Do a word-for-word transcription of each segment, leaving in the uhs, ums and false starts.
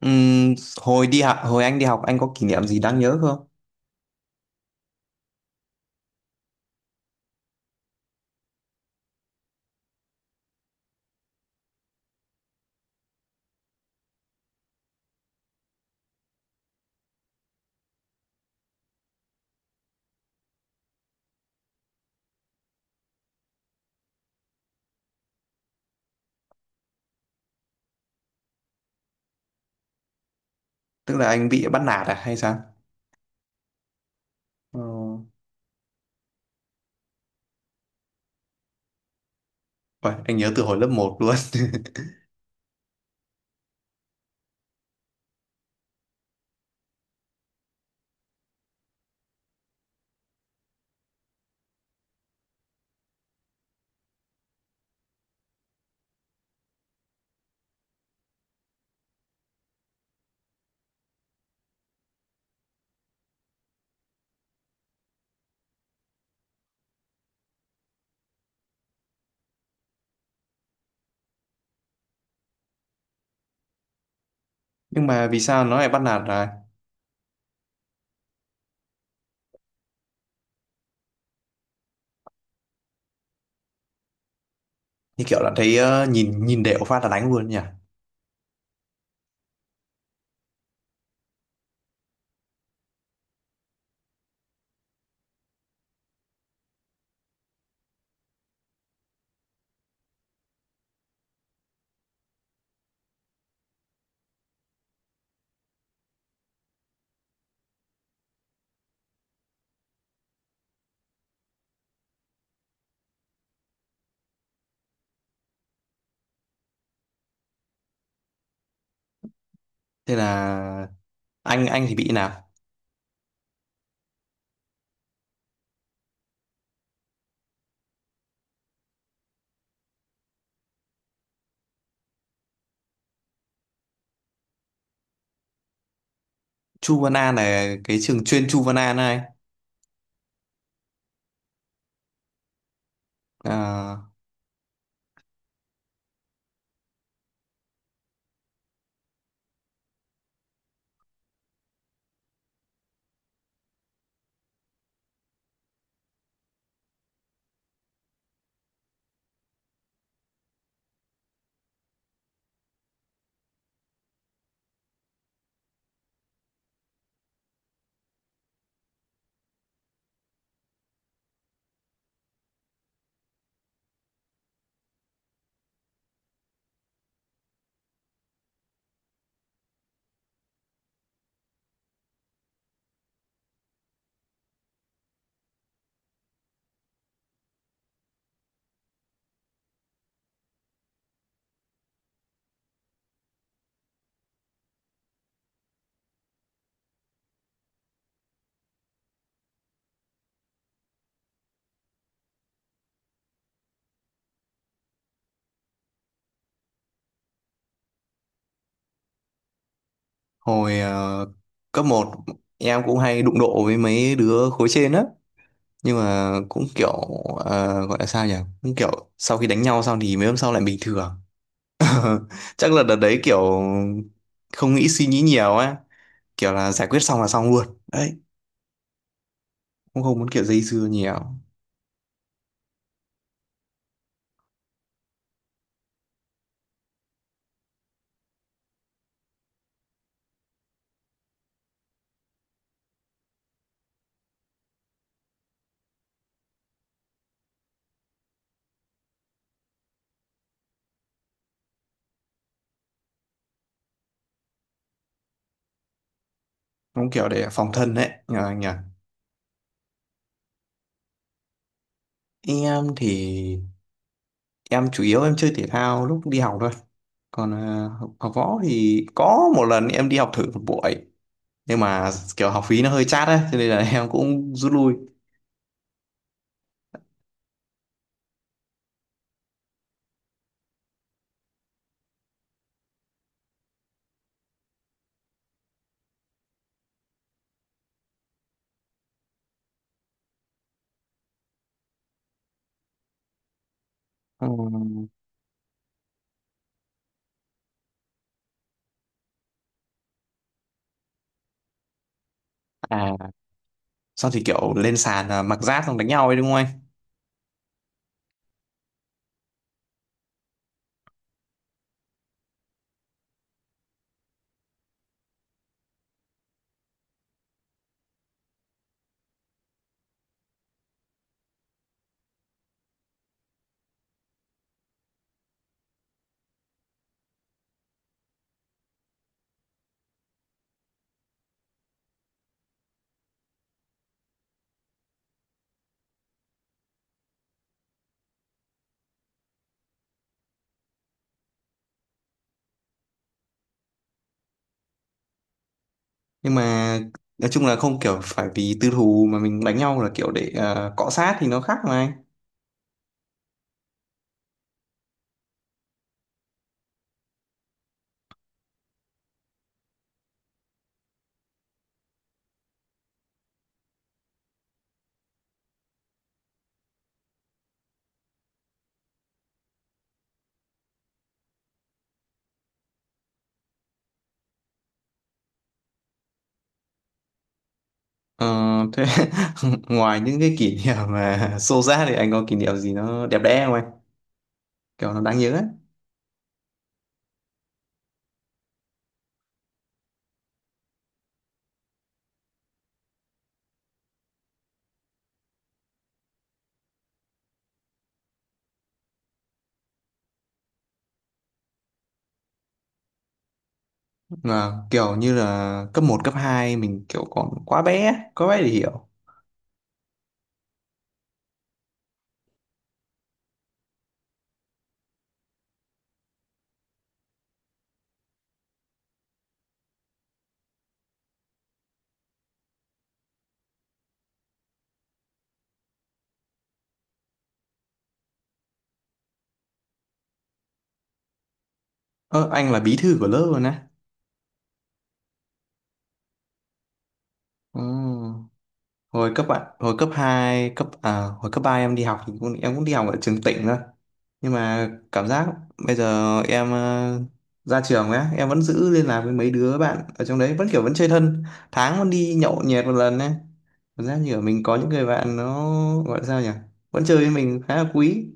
Ừm, hồi đi học hồi anh đi học anh có kỷ niệm gì đáng nhớ không? Tức là anh bị bắt nạt à hay sao? Ờ. Ôi, anh nhớ từ hồi lớp một luôn. Nhưng mà vì sao nó lại bắt nạt à? Như kiểu là thấy ờ, nhìn nhìn đều phát là đánh luôn nhỉ. Thế là anh anh thì bị nào? Chu Văn An là cái trường chuyên Chu Văn An này. À, hồi ờ, cấp một em cũng hay đụng độ với mấy đứa khối trên á. Nhưng mà cũng kiểu ờ, gọi là sao nhỉ? Cũng kiểu sau khi đánh nhau xong thì mấy hôm sau lại bình thường, chắc là đợt đấy kiểu không nghĩ suy nghĩ nhiều á, kiểu là giải quyết xong là xong luôn đấy, cũng không muốn kiểu dây dưa nhiều, cũng kiểu để phòng thân đấy nhờ anh nhờ. Em thì em chủ yếu em chơi thể thao lúc đi học thôi, còn à, học, học võ thì có một lần em đi học thử một buổi, nhưng mà kiểu học phí nó hơi chát á cho nên là em cũng rút lui. Ừm. À, xong thì kiểu lên sàn là mặc giáp xong đánh nhau ấy đúng không anh? Nhưng mà nói chung là không kiểu phải vì tư thù mà mình đánh nhau là kiểu để ờ, cọ sát thì nó khác mà anh. Ờ, thế ngoài những cái kỷ niệm mà xô xát thì anh có kỷ niệm gì nó đẹp đẽ không anh, kiểu nó đáng nhớ ấy? Mà kiểu như là cấp một cấp hai mình kiểu còn quá bé quá bé để hiểu. Ơ, anh là bí thư của lớp luôn á? Ồ. hồi cấp ạ hồi cấp hai cấp à, Hồi cấp ba em đi học thì cũng em cũng đi học ở trường tỉnh thôi, nhưng mà cảm giác bây giờ em ờ, ra trường ấy em vẫn giữ liên lạc với mấy đứa bạn ở trong đấy vẫn kiểu vẫn chơi thân, tháng vẫn đi nhậu nhẹt một lần ấy, cảm giác như ở mình có những người bạn nó gọi là sao nhỉ, vẫn chơi với mình khá là quý.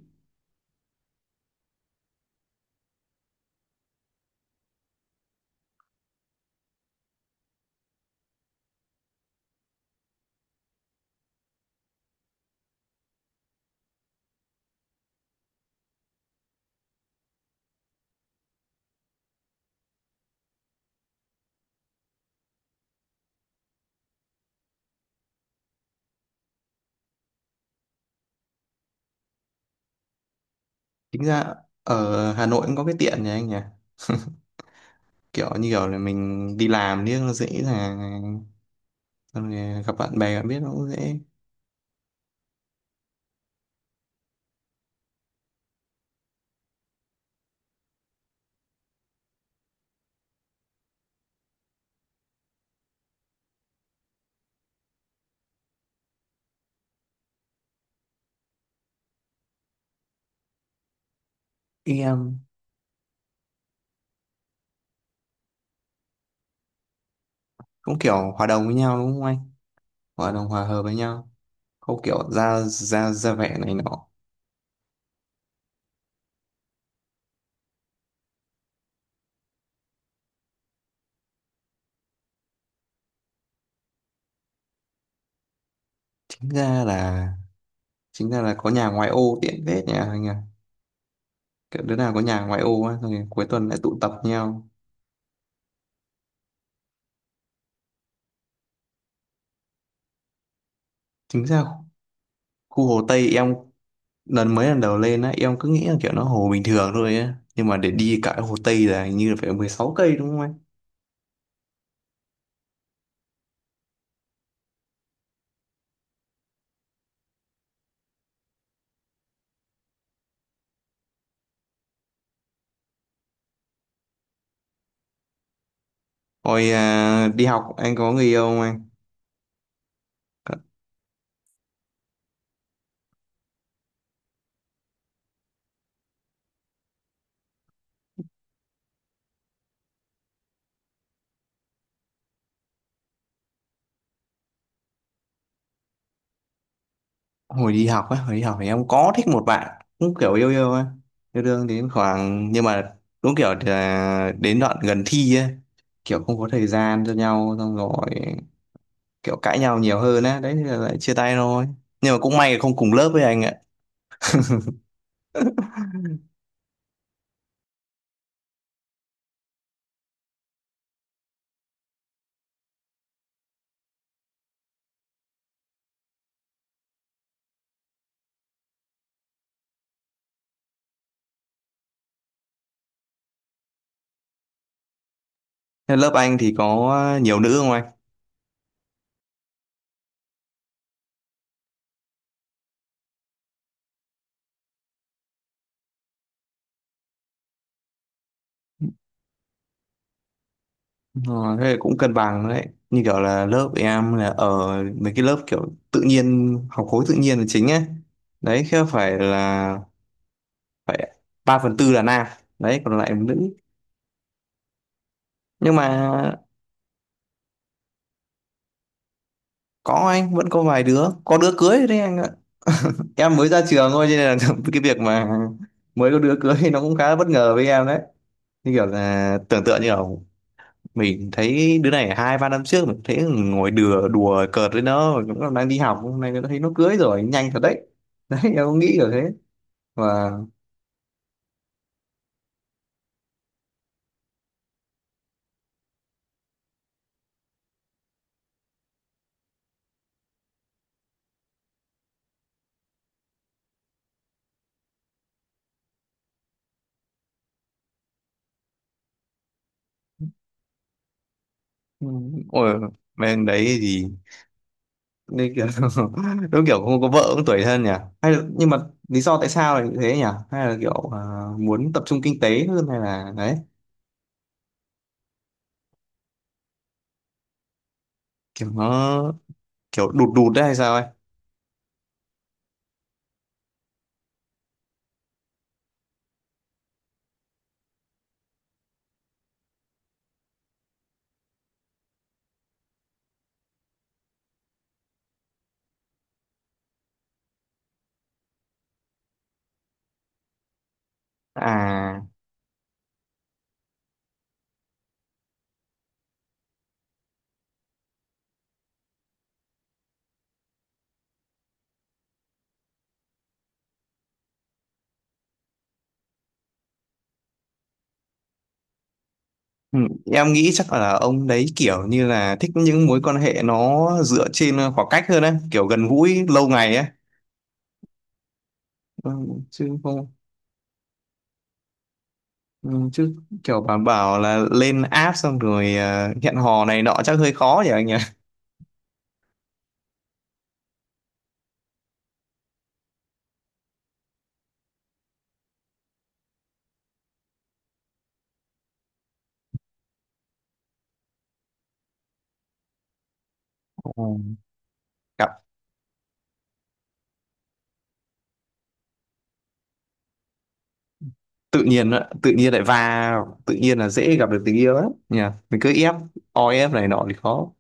Chính ra ở Hà Nội cũng có cái tiện nhỉ anh nhỉ, kiểu như kiểu là mình đi làm đi nó dễ là xong rồi gặp bạn bè bạn biết nó cũng dễ. Em cũng kiểu hòa đồng với nhau đúng không anh, gọi là hòa hợp với nhau, không kiểu ra ra ra vẻ này nọ. Chính ra là chính ra là có nhà ngoại ô tiện vết nhà anh à, kiểu đứa nào có nhà ngoại ô á rồi cuối tuần lại tụ tập nhau. Chính ra khu Hồ Tây em lần mấy lần đầu lên á em cứ nghĩ là kiểu nó hồ bình thường thôi á, nhưng mà để đi cả Hồ Tây là hình như là phải mười sáu cây đúng không anh? Hồi à, đi học anh có người yêu không anh? Hồi đi học á, hồi đi học thì em có thích một bạn cũng kiểu yêu yêu á, yêu đương đến khoảng nhưng mà cũng kiểu là đến đoạn gần thi á, kiểu không có thời gian cho nhau xong rồi kiểu cãi nhau nhiều hơn á đấy thì là lại chia tay thôi, nhưng mà cũng may là không cùng lớp với anh ạ. Thế lớp anh thì có nhiều nữ không anh? Ờ, thế là cũng cân bằng đấy, như kiểu là lớp em là ở mấy cái lớp kiểu tự nhiên học khối tự nhiên là chính ấy, đấy chứ phải là phải ba phần tư là nam, đấy còn lại là nữ. Nhưng mà có anh vẫn có vài đứa có đứa cưới đấy anh ạ. Em mới ra trường thôi cho nên là cái việc mà mới có đứa cưới thì nó cũng khá là bất ngờ với em đấy, như kiểu là tưởng tượng như kiểu mình thấy đứa này hai ba năm trước mình thấy ngồi đùa đùa cợt với nó cũng còn đang đi học, hôm nay nó thấy nó cưới rồi, nhanh thật đấy. Đấy em cũng nghĩ kiểu thế và. Ừ, ôi bên đấy thì nên kiểu đúng kiểu không có vợ cũng tủi thân nhỉ, hay là, nhưng mà lý do tại sao lại như thế nhỉ, hay là kiểu à, muốn tập trung kinh tế hơn hay là đấy, kiểu nó kiểu đụt đụt đấy hay sao ấy. À. Ừ, em nghĩ chắc là ông đấy kiểu như là thích những mối quan hệ nó dựa trên khoảng cách hơn ấy, kiểu gần gũi lâu ngày ấy. Ừ, chứ không. Ừ, chứ kiểu bảo bảo là lên app xong rồi à, hẹn hò này nọ chắc hơi khó nhỉ anh nhỉ. Ừ. Tự nhiên á, tự nhiên lại vào tự nhiên là dễ gặp được tình yêu lắm nhỉ, mình cứ ép o ép này nọ thì khó.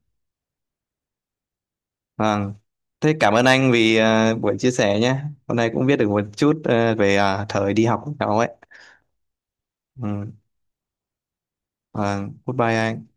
Vâng, thế cảm ơn anh vì ờ, buổi chia sẻ nhé, hôm nay cũng biết được một chút ờ, về ờ, thời đi học của cháu ấy. Ừ. Vâng, goodbye anh.